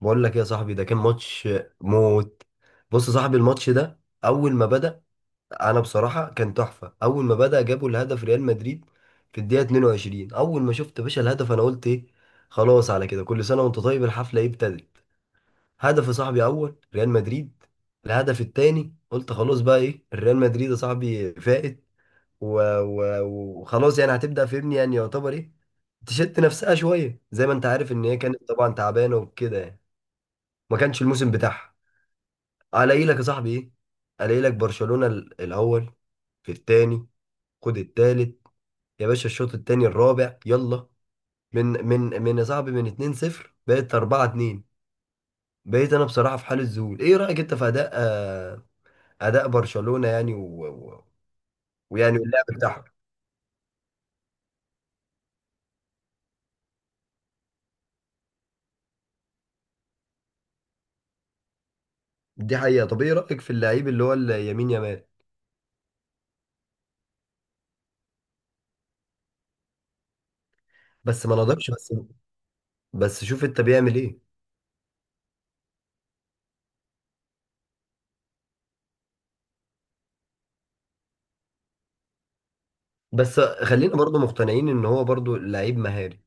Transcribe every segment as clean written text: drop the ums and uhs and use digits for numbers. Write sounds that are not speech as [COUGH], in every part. بقول لك يا صاحبي ده كان ماتش موت. بص يا صاحبي الماتش ده اول ما بدأ، انا بصراحة كان تحفة. اول ما بدأ جابوا الهدف ريال مدريد في الدقيقة 22. اول ما شفت يا باشا الهدف انا قلت ايه، خلاص على كده، كل سنة وانت طيب، الحفلة ايه ابتدت. هدف يا صاحبي اول ريال مدريد، الهدف التاني قلت خلاص، بقى ايه الريال مدريد يا صاحبي فائت. و- و- وخلاص يعني هتبدأ، فهمني يعني يعتبر ايه، تشت نفسها شوية، زي ما انت عارف ان هي كانت طبعا تعبانة وكده يعني، ما كانش الموسم بتاعها. الاقي لك يا صاحبي ايه، الاقي لك برشلونة الاول، في الثاني، خد الثالث، يا باشا الشوط الثاني الرابع يلا. من يا صاحبي من 2-0 بقت 4-2. بقيت انا بصراحة في حالة ذهول. ايه رأيك انت في اداء اداء برشلونة يعني و... و... ويعني اللعب بتاعهم. دي حقيقة. طب ايه رأيك في اللعيب اللي هو اليمين يامال؟ بس ما نضجش، بس بس شوف انت بيعمل ايه. بس خلينا برضو مقتنعين ان هو برضو لعيب مهاري.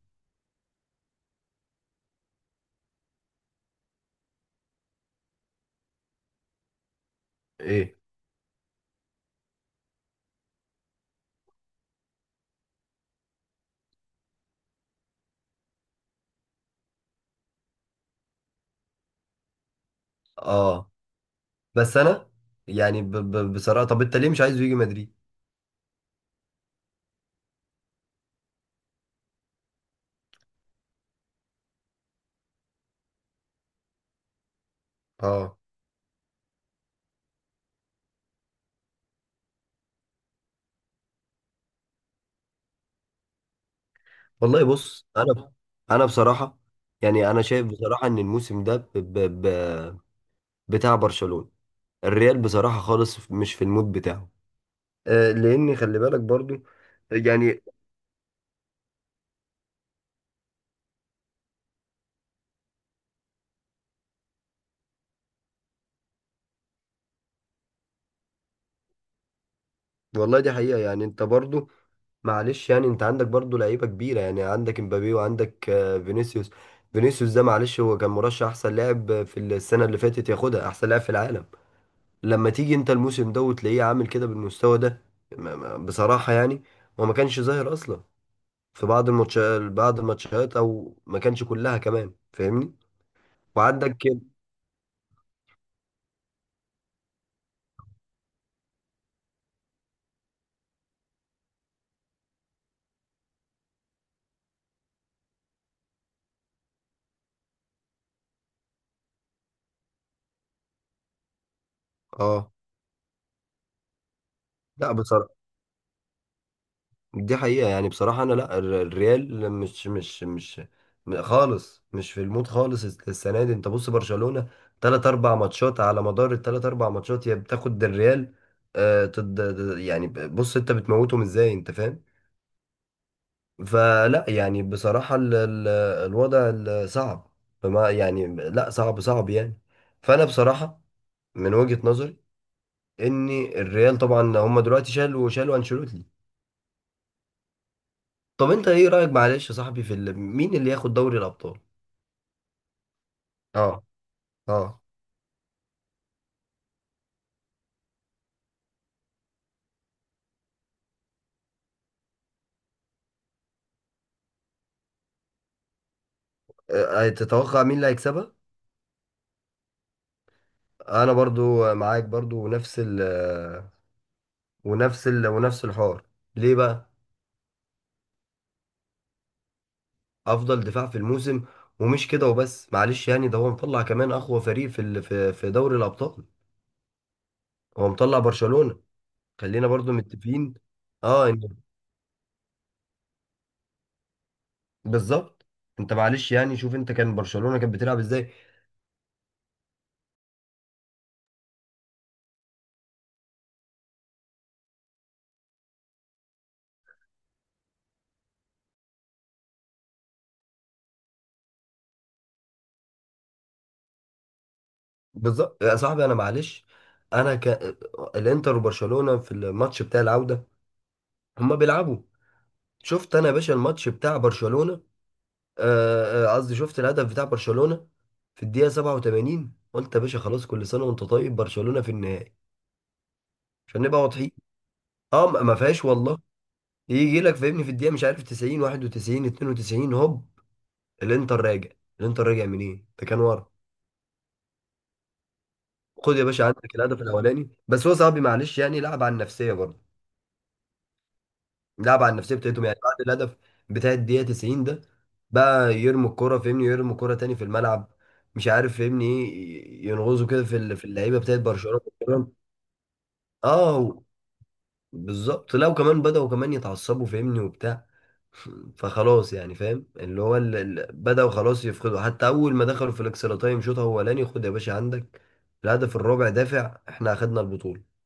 ايه؟ اه. بس انا يعني ب ب بصراحه طب انت ليه مش عايزه يجي مدريد؟ اه. والله بص انا، انا بصراحه يعني انا شايف بصراحه ان الموسم ده ب ب ب بتاع برشلونه. الريال بصراحه خالص مش في المود بتاعه، آه لان خلي بالك برضو يعني. والله دي حقيقه يعني، انت برضو معلش يعني انت عندك برضو لعيبه كبيره، يعني عندك امبابي وعندك فينيسيوس. فينيسيوس ده معلش هو كان مرشح احسن لاعب في السنه اللي فاتت ياخدها احسن لاعب في العالم، لما تيجي انت الموسم ده وتلاقيه عامل كده بالمستوى ده، بصراحة يعني هو ما كانش ظاهر اصلا في بعض الماتشات، بعض الماتشات او ما كانش كلها كمان فاهمني، وعندك كده. اه. لا بصراحة دي حقيقة، يعني بصراحة انا لا، الريال مش خالص مش في المود خالص، السنة دي انت بص برشلونة تلات اربع ماتشات، على مدار التلات اربع ماتشات يا بتاخد الريال، آه تد... يعني بص انت بتموتهم ازاي انت فاهم. فلا يعني بصراحة ال الوضع صعب، فما يعني لا صعب صعب يعني. فأنا بصراحة من وجهة نظري إن الريال طبعا هم دلوقتي شالوا أنشيلوتي. طب أنت إيه رأيك معلش يا صاحبي في مين اللي ياخد دوري الأبطال؟ أه. أه. أه، تتوقع مين اللي هيكسبها؟ أنا برضو معاك برضو ونفس ونفس الحوار. ليه بقى؟ افضل دفاع في الموسم. ومش كده وبس، معلش يعني ده هو مطلع كمان اقوى فريق في في دوري الابطال، هو مطلع برشلونة، خلينا برضو متفقين. اه. بالظبط. انت معلش يعني شوف انت كان برشلونة كانت بتلعب ازاي. بالظبط يا صاحبي. انا معلش انا ك... الانتر وبرشلونة في الماتش بتاع العودة هما بيلعبوا. شفت انا يا باشا الماتش بتاع برشلونة، قصدي شفت الهدف بتاع برشلونة في الدقيقة 87، قلت يا باشا خلاص، كل سنة وانت طيب، برشلونة في النهائي عشان نبقى واضحين. اه ما ما فيهاش والله. يجي لك فاهمني في الدقيقه مش عارف 90 91 92 هوب الانتر راجع. الانتر راجع منين؟ ده كان ورا. خد يا باشا عندك الهدف الاولاني، بس هو صاحبي معلش يعني لعب على النفسيه برضه، لعب على النفسيه بتاعتهم يعني. بعد الهدف بتاع الدقيقه 90 ده بقى يرموا الكرة، فاهمني يرموا الكرة تاني في الملعب، مش عارف فاهمني ايه، ينغزوا كده في اللعيبه بتاعت برشلونه. اه بالظبط. لا وكمان بدأوا كمان يتعصبوا فاهمني وبتاع. [LAUGHS] فخلاص يعني فاهم اللي هو بدأوا خلاص يفقدوا، حتى أول ما دخلوا في الإكسترا تايم شوط أولاني، خد يا باشا عندك الهدف الرابع دافع، إحنا أخدنا البطولة.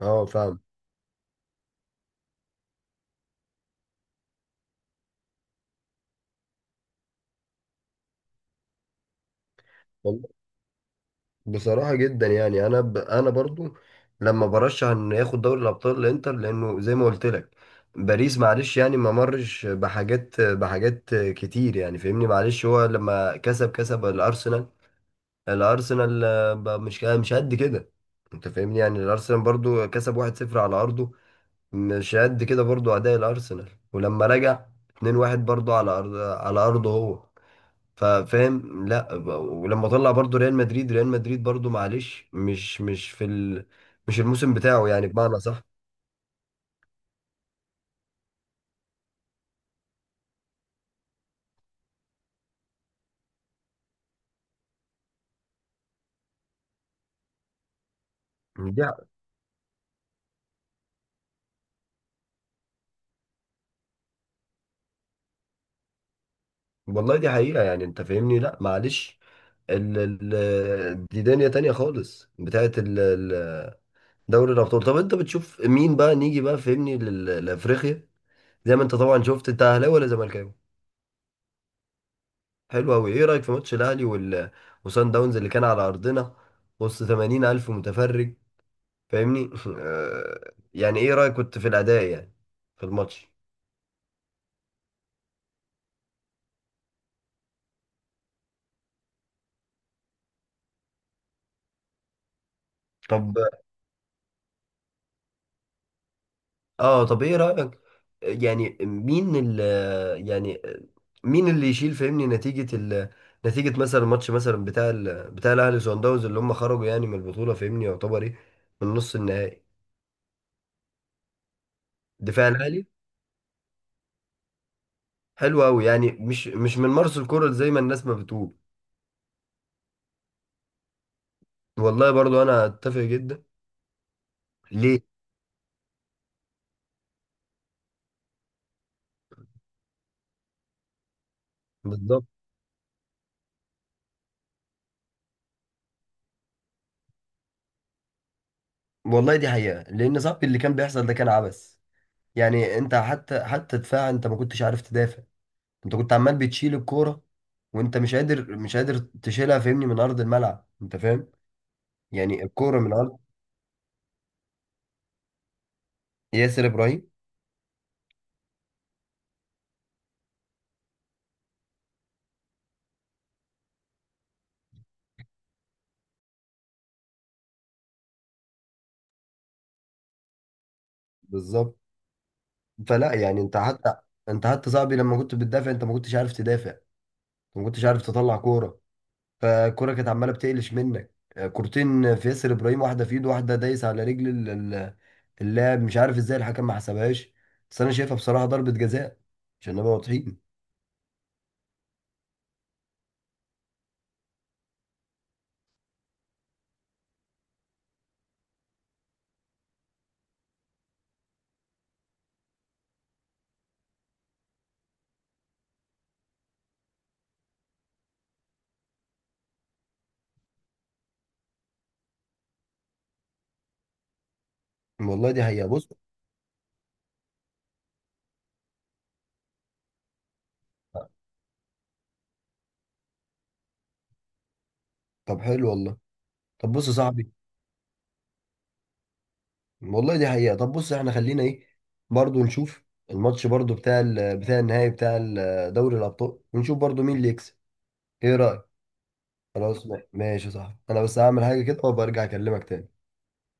اه فاهم. والله بصراحة جدا يعني أنا برضو لما برشح إنه ياخد دوري الأبطال الإنتر، لأنه زي ما قلت لك باريس معلش يعني ما مرش بحاجات كتير يعني فاهمني، معلش هو لما كسب، كسب الأرسنال، الارسنال آه، بقى مش قد كده. انت فاهمني يعني الارسنال برضو كسب 1-0 على ارضه، مش قد كده برضو اداء الارسنال. ولما رجع 2-1 برضو على ارضه هو، ففاهم لا، ولما طلع برضو ريال مدريد برضو معلش مش في ال... مش الموسم بتاعه يعني بمعنى صح. دي ح- والله دي حقيقة، يعني انت فاهمني لا معلش، ال... دي دنيا تانية خالص بتاعت دوري الابطال. طب انت بتشوف مين بقى نيجي بقى فهمني لافريقيا؟ زي ما انت طبعا شفت، انت اهلاوي ولا زملكاوي؟ حلو قوي. ايه رايك في ماتش الاهلي وسان داونز اللي كان على ارضنا وسط 80 الف متفرج فاهمني؟ [LAUGHS] آه، يعني ايه رايك كنت في الاداء يعني في الماتش؟ طب اه، طب ايه رأيك؟ يعني مين ال يعني مين اللي يشيل فهمني نتيجة مثلا الماتش، مثلا بتاع بتاع الاهلي وصن داونز اللي هم خرجوا يعني من البطولة فهمني، يعتبر ايه، من نص النهائي؟ دفاع الاهلي. حلو قوي. يعني مش مش من مارس الكرة زي ما الناس ما بتقول؟ والله برضو انا اتفق جدا. ليه؟ بالظبط. والله دي حقيقة، لان صاحبي اللي كان بيحصل ده كان عبث، يعني انت حتى حتى دفاع انت ما كنتش عارف تدافع، انت كنت عمال بتشيل الكوره وانت مش قادر تشيلها فاهمني من ارض الملعب انت فاهم. يعني الكوره من ارض ياسر ابراهيم. بالظبط. فلا يعني انت حتى صاحبي لما كنت بتدافع انت ما كنتش عارف تدافع، انت ما كنتش عارف تطلع كوره، فالكوره كانت عماله بتقلش منك آه، كورتين في ياسر ابراهيم، واحده في ايده واحده دايس على رجل ال- اللاعب، مش عارف ازاي الحكم ما حسبهاش، بس انا شايفها بصراحه ضربه جزاء عشان نبقى واضحين. والله دي حقيقه بص. طب حلو والله. طب بص يا صاحبي والله دي حقيقة، طب بص احنا خلينا ايه برضو نشوف الماتش برضو بتاع بتاع النهائي بتاع دوري الأبطال، ونشوف برضو مين اللي يكسب، ايه رأيك؟ خلاص ماشي صح، انا بس هعمل حاجة كده وبرجع اكلمك تاني